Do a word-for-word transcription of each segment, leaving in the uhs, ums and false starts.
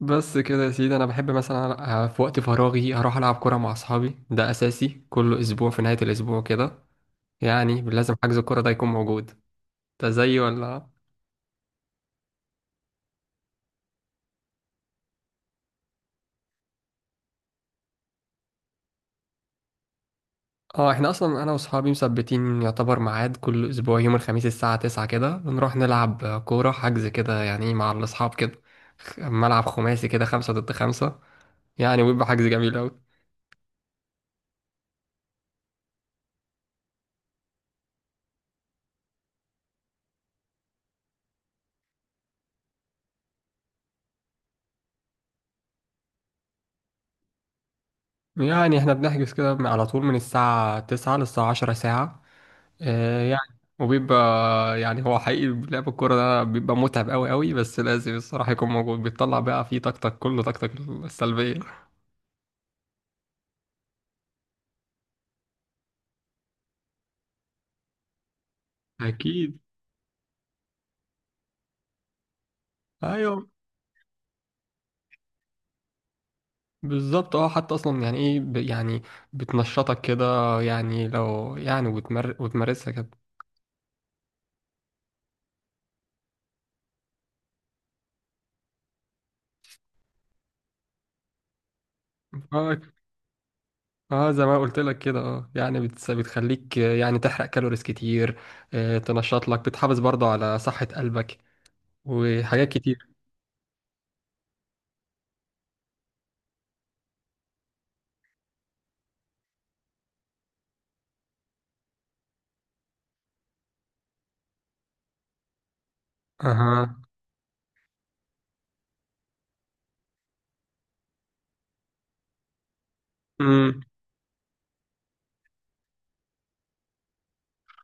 بس كده يا سيدي، انا بحب مثلا ألع- آه، في وقت فراغي اروح العب كوره مع اصحابي. ده اساسي كل اسبوع في نهايه الاسبوع كده، يعني لازم حجز الكوره ده يكون موجود. ده زي ولا؟ اه، احنا اصلا انا واصحابي مثبتين يعتبر ميعاد كل اسبوع يوم الخميس الساعه تسعة كده، نروح نلعب كوره حجز كده يعني مع الاصحاب كده. خ- ملعب خماسي كده، خمسة ضد خمسة يعني، ويبقى حجز جميل أوي. يعني احنا بنحجز كده على طول من الساعة التاسعة للساعة عشرة، ساعة. آه، يعني وبيبقى، يعني هو حقيقي لعب الكورة ده بيبقى متعب أوي أوي، بس لازم الصراحة يكون موجود، بيطلع بقى فيه طاقتك كله، طاقتك السلبية. أكيد. أيوه. بالظبط اه، حتى أصلا يعني إيه، ب- يعني بتنشطك كده، يعني لو يعني وتمر وتمارسها كده. اه. آه، زي ما قلت لك كده، اه يعني بتس- بتخليك آه، يعني تحرق كالوريز كتير. آه، تنشط لك، بتحافظ برضه على صحة قلبك وحاجات كتير. اها. امم.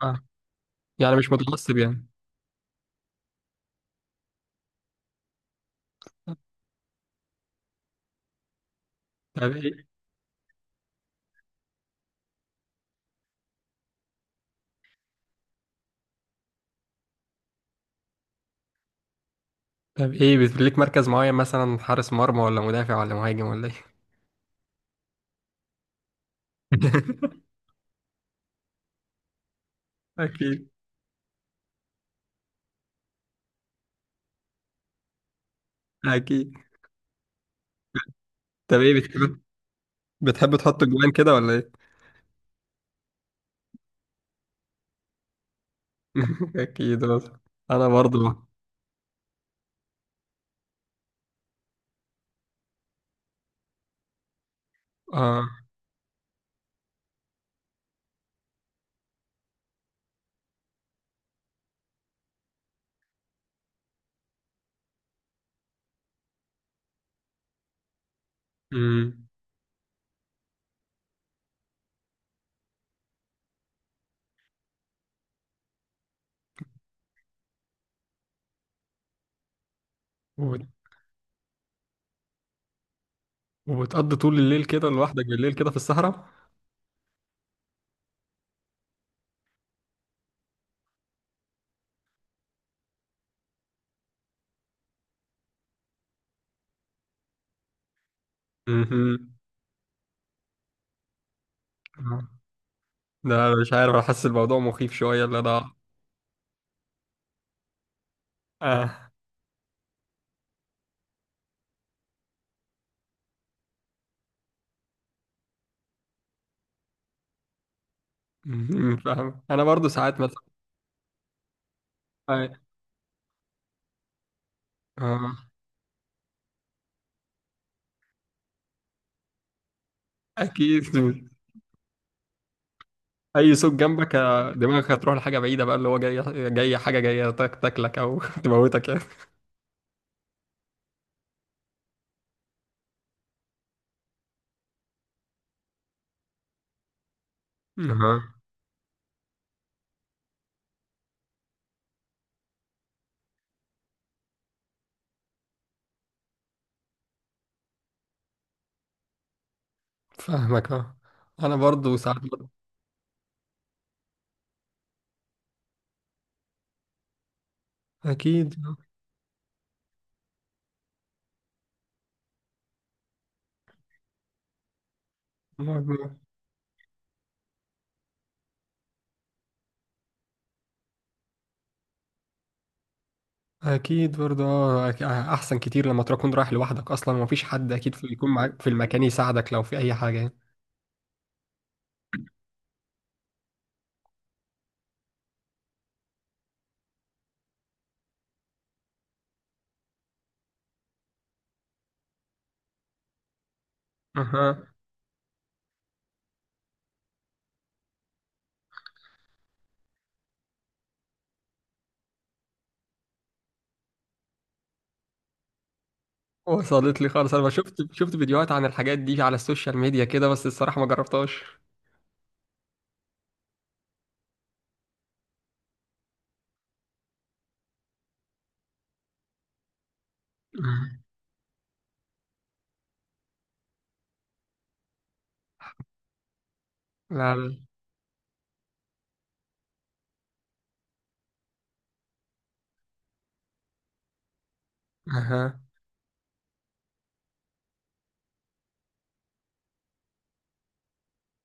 آه. يعني مش متعصب يعني. طب ايه طب ايه بيبقى ليك مركز معين مثلا، حارس مرمى ولا مدافع ولا مهاجم ولا ايه؟ اكيد، اكيد. طب ايه بتحب بتحب تحط الجوان كده ولا ايه؟ اكيد برضه. انا برضه. اه. امم. وبت- وبتقضي طول الليل كده لوحدك بالليل كده في الصحراء؟ امم. آه. ده مش عارف، انا حاسس الموضوع مخيف شويه اللي انا. اه. مهم. فاهم انا برضه ساعات مثلا اه آه. اكيد. اي صوت جنبك آه، دماغك هتروح لحاجه بعيده بقى، اللي هو جاي جاي حاجه جايه تاك تاكلك او تموتك يعني. اها. فاهمك اه، انا برضو ساعات برضو. اكيد. آه، اكيد برضو اه، أك- آه، احسن كتير لما تكون رايح لوحدك اصلا ومفيش حد اكيد في يكون معاك في المكان يساعدك لو في اي حاجه يعني. اها. وصلت لي خالص، انا شفت شفت فيديوهات عن الحاجات دي على السوشيال ميديا كده، بس الصراحه ما جربتهاش. أها. لا، لا. اها.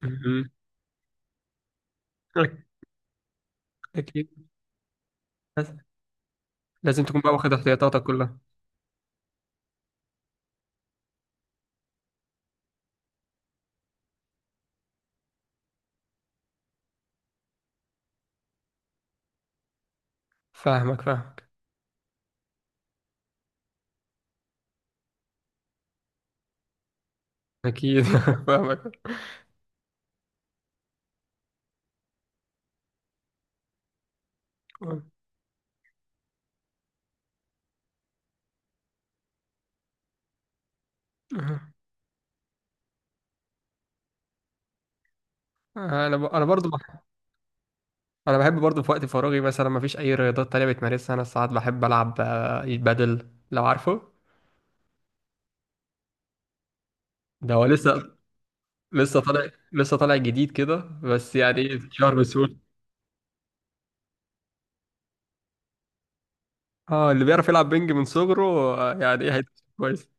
أها. اكيد، لازم تكون بقى واخد احتياطاتك كلها. فاهمك، فاهمك. اكيد، فاهمك. انا ب... انا برضو بح... انا بحب برضو في وقت فراغي، مثلا ما فيش اي رياضات تانية بتمارسها؟ انا ساعات بحب العب آه، البادل، لو عارفه. ده هو لسه لسه طالع لسه طالع جديد كده، بس يعني ايه شهر بسهولة. اه، اللي بيعرف يلعب بينج من صغره آه، يعني ايه هيدوس كويس.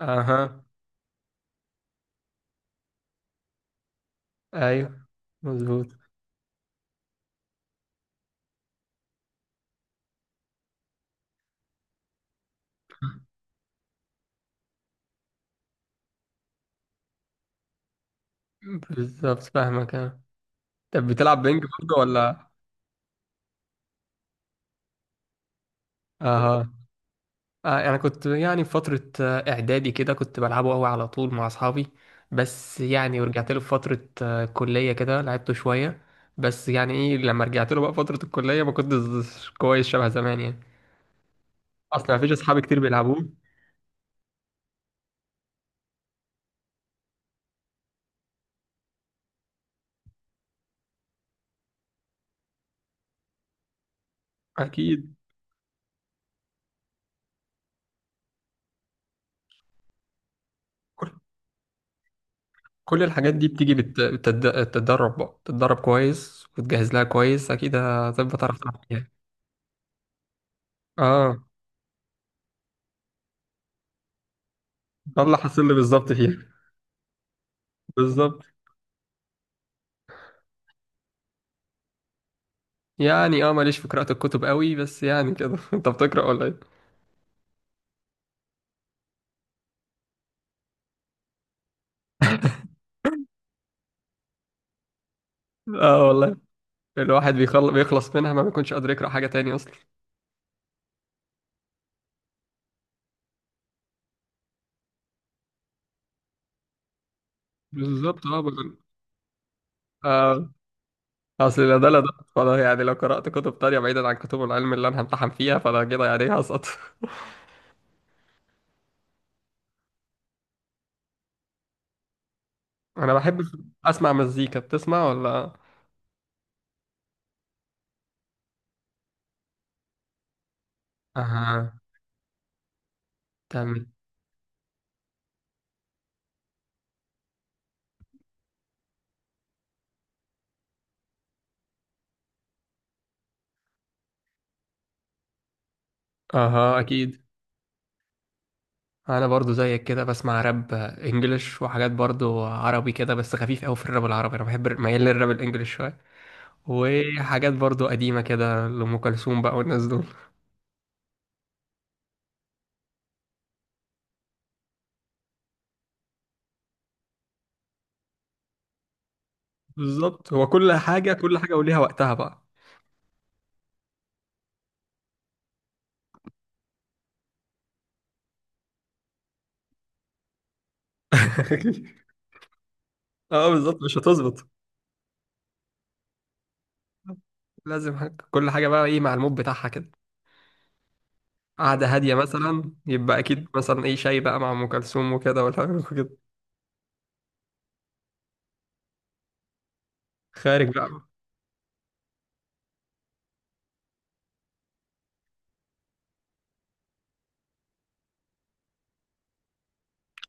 اها. ايوه. مظبوط. بالظبط فاهمك اه. طب بتلعب بينج برضو ولا؟ اها. آه، انا كنت يعني في فتره آه، اعدادي كده، كنت بلعبه قوي على طول مع اصحابي، بس يعني ورجعت له في فتره آه، كليه كده لعبته شويه. بس يعني ايه، لما رجعت له بقى فتره الكليه ما كنتش كويس شبه زمان يعني. اصلا مفيش اصحابي كتير بيلعبوه. اكيد. كل كل الحاجات دي بتيجي بالت- بالتد- بالتدرب بقى، تتدرب كويس وتجهز لها كويس اكيد هتبقى تعرف تلعب فيها. اه، ده اللي حصل لي بالظبط فيها. بالظبط. يعني اه، ماليش في قراءه الكتب قوي بس يعني كده. انت بتقرا ولا إيه؟ اه والله، الواحد بيخل... بيخلص منها ما بيكونش قادر يقرأ حاجة تاني أصلا. بالظبط اه بقول- آه أصل لا ده، لا ده. فأنا يعني لو قرأت كتب تانية بعيدا عن كتب العلم اللي أنا همتحن فيها، فأنا كده يعني إيه هسقط. أنا بحب أسمع مزيكا، بتسمع ولا؟ أها. تمام. أها. أكيد. أنا برضو زيك كده بسمع راب إنجليش وحاجات برضو عربي كده، بس خفيف أوي في الراب العربي، أنا بحب ميال للراب الإنجليش شوية، وحاجات برضو قديمة كده لأم كلثوم بقى والناس دول. بالظبط، هو كل حاجة، كل حاجة وليها وقتها بقى. اه بالظبط، مش هتظبط. لازم حاجة. كل حاجة بقى ايه مع المود بتاعها كده. قعدة هادية مثلا يبقى أكيد مثلا ايه شاي بقى مع أم كلثوم وكده ولا حاجة كده. خارج بقى.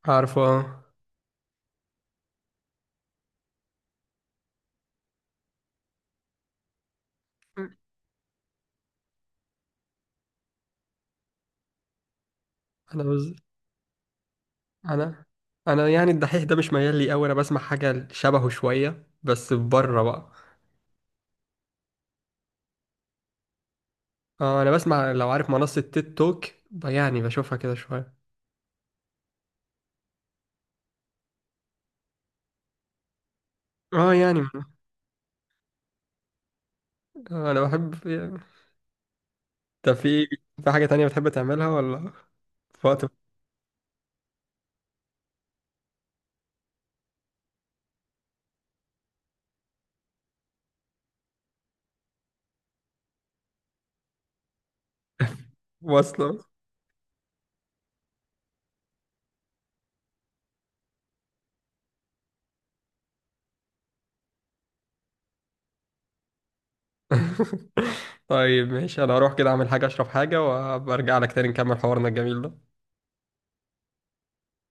عارفة آه. أنا بز... أنا، أنا يعني الدحيح ده مش ميال لي أوي، أنا بسمع حاجة شبهه شوية بس بره بقى. آه أنا بسمع، لو عارف منصة تيك توك، ب- يعني بشوفها كده شوية. اه يعني. آه أنا بحب. طب، في في حاجة تانية بتحب تعملها ولا في وقت؟ واصلة. طيب ماشي، أنا هروح كده أعمل حاجة أشرب حاجة وأبقى أرجع لك تاني نكمل حوارنا الجميل ده.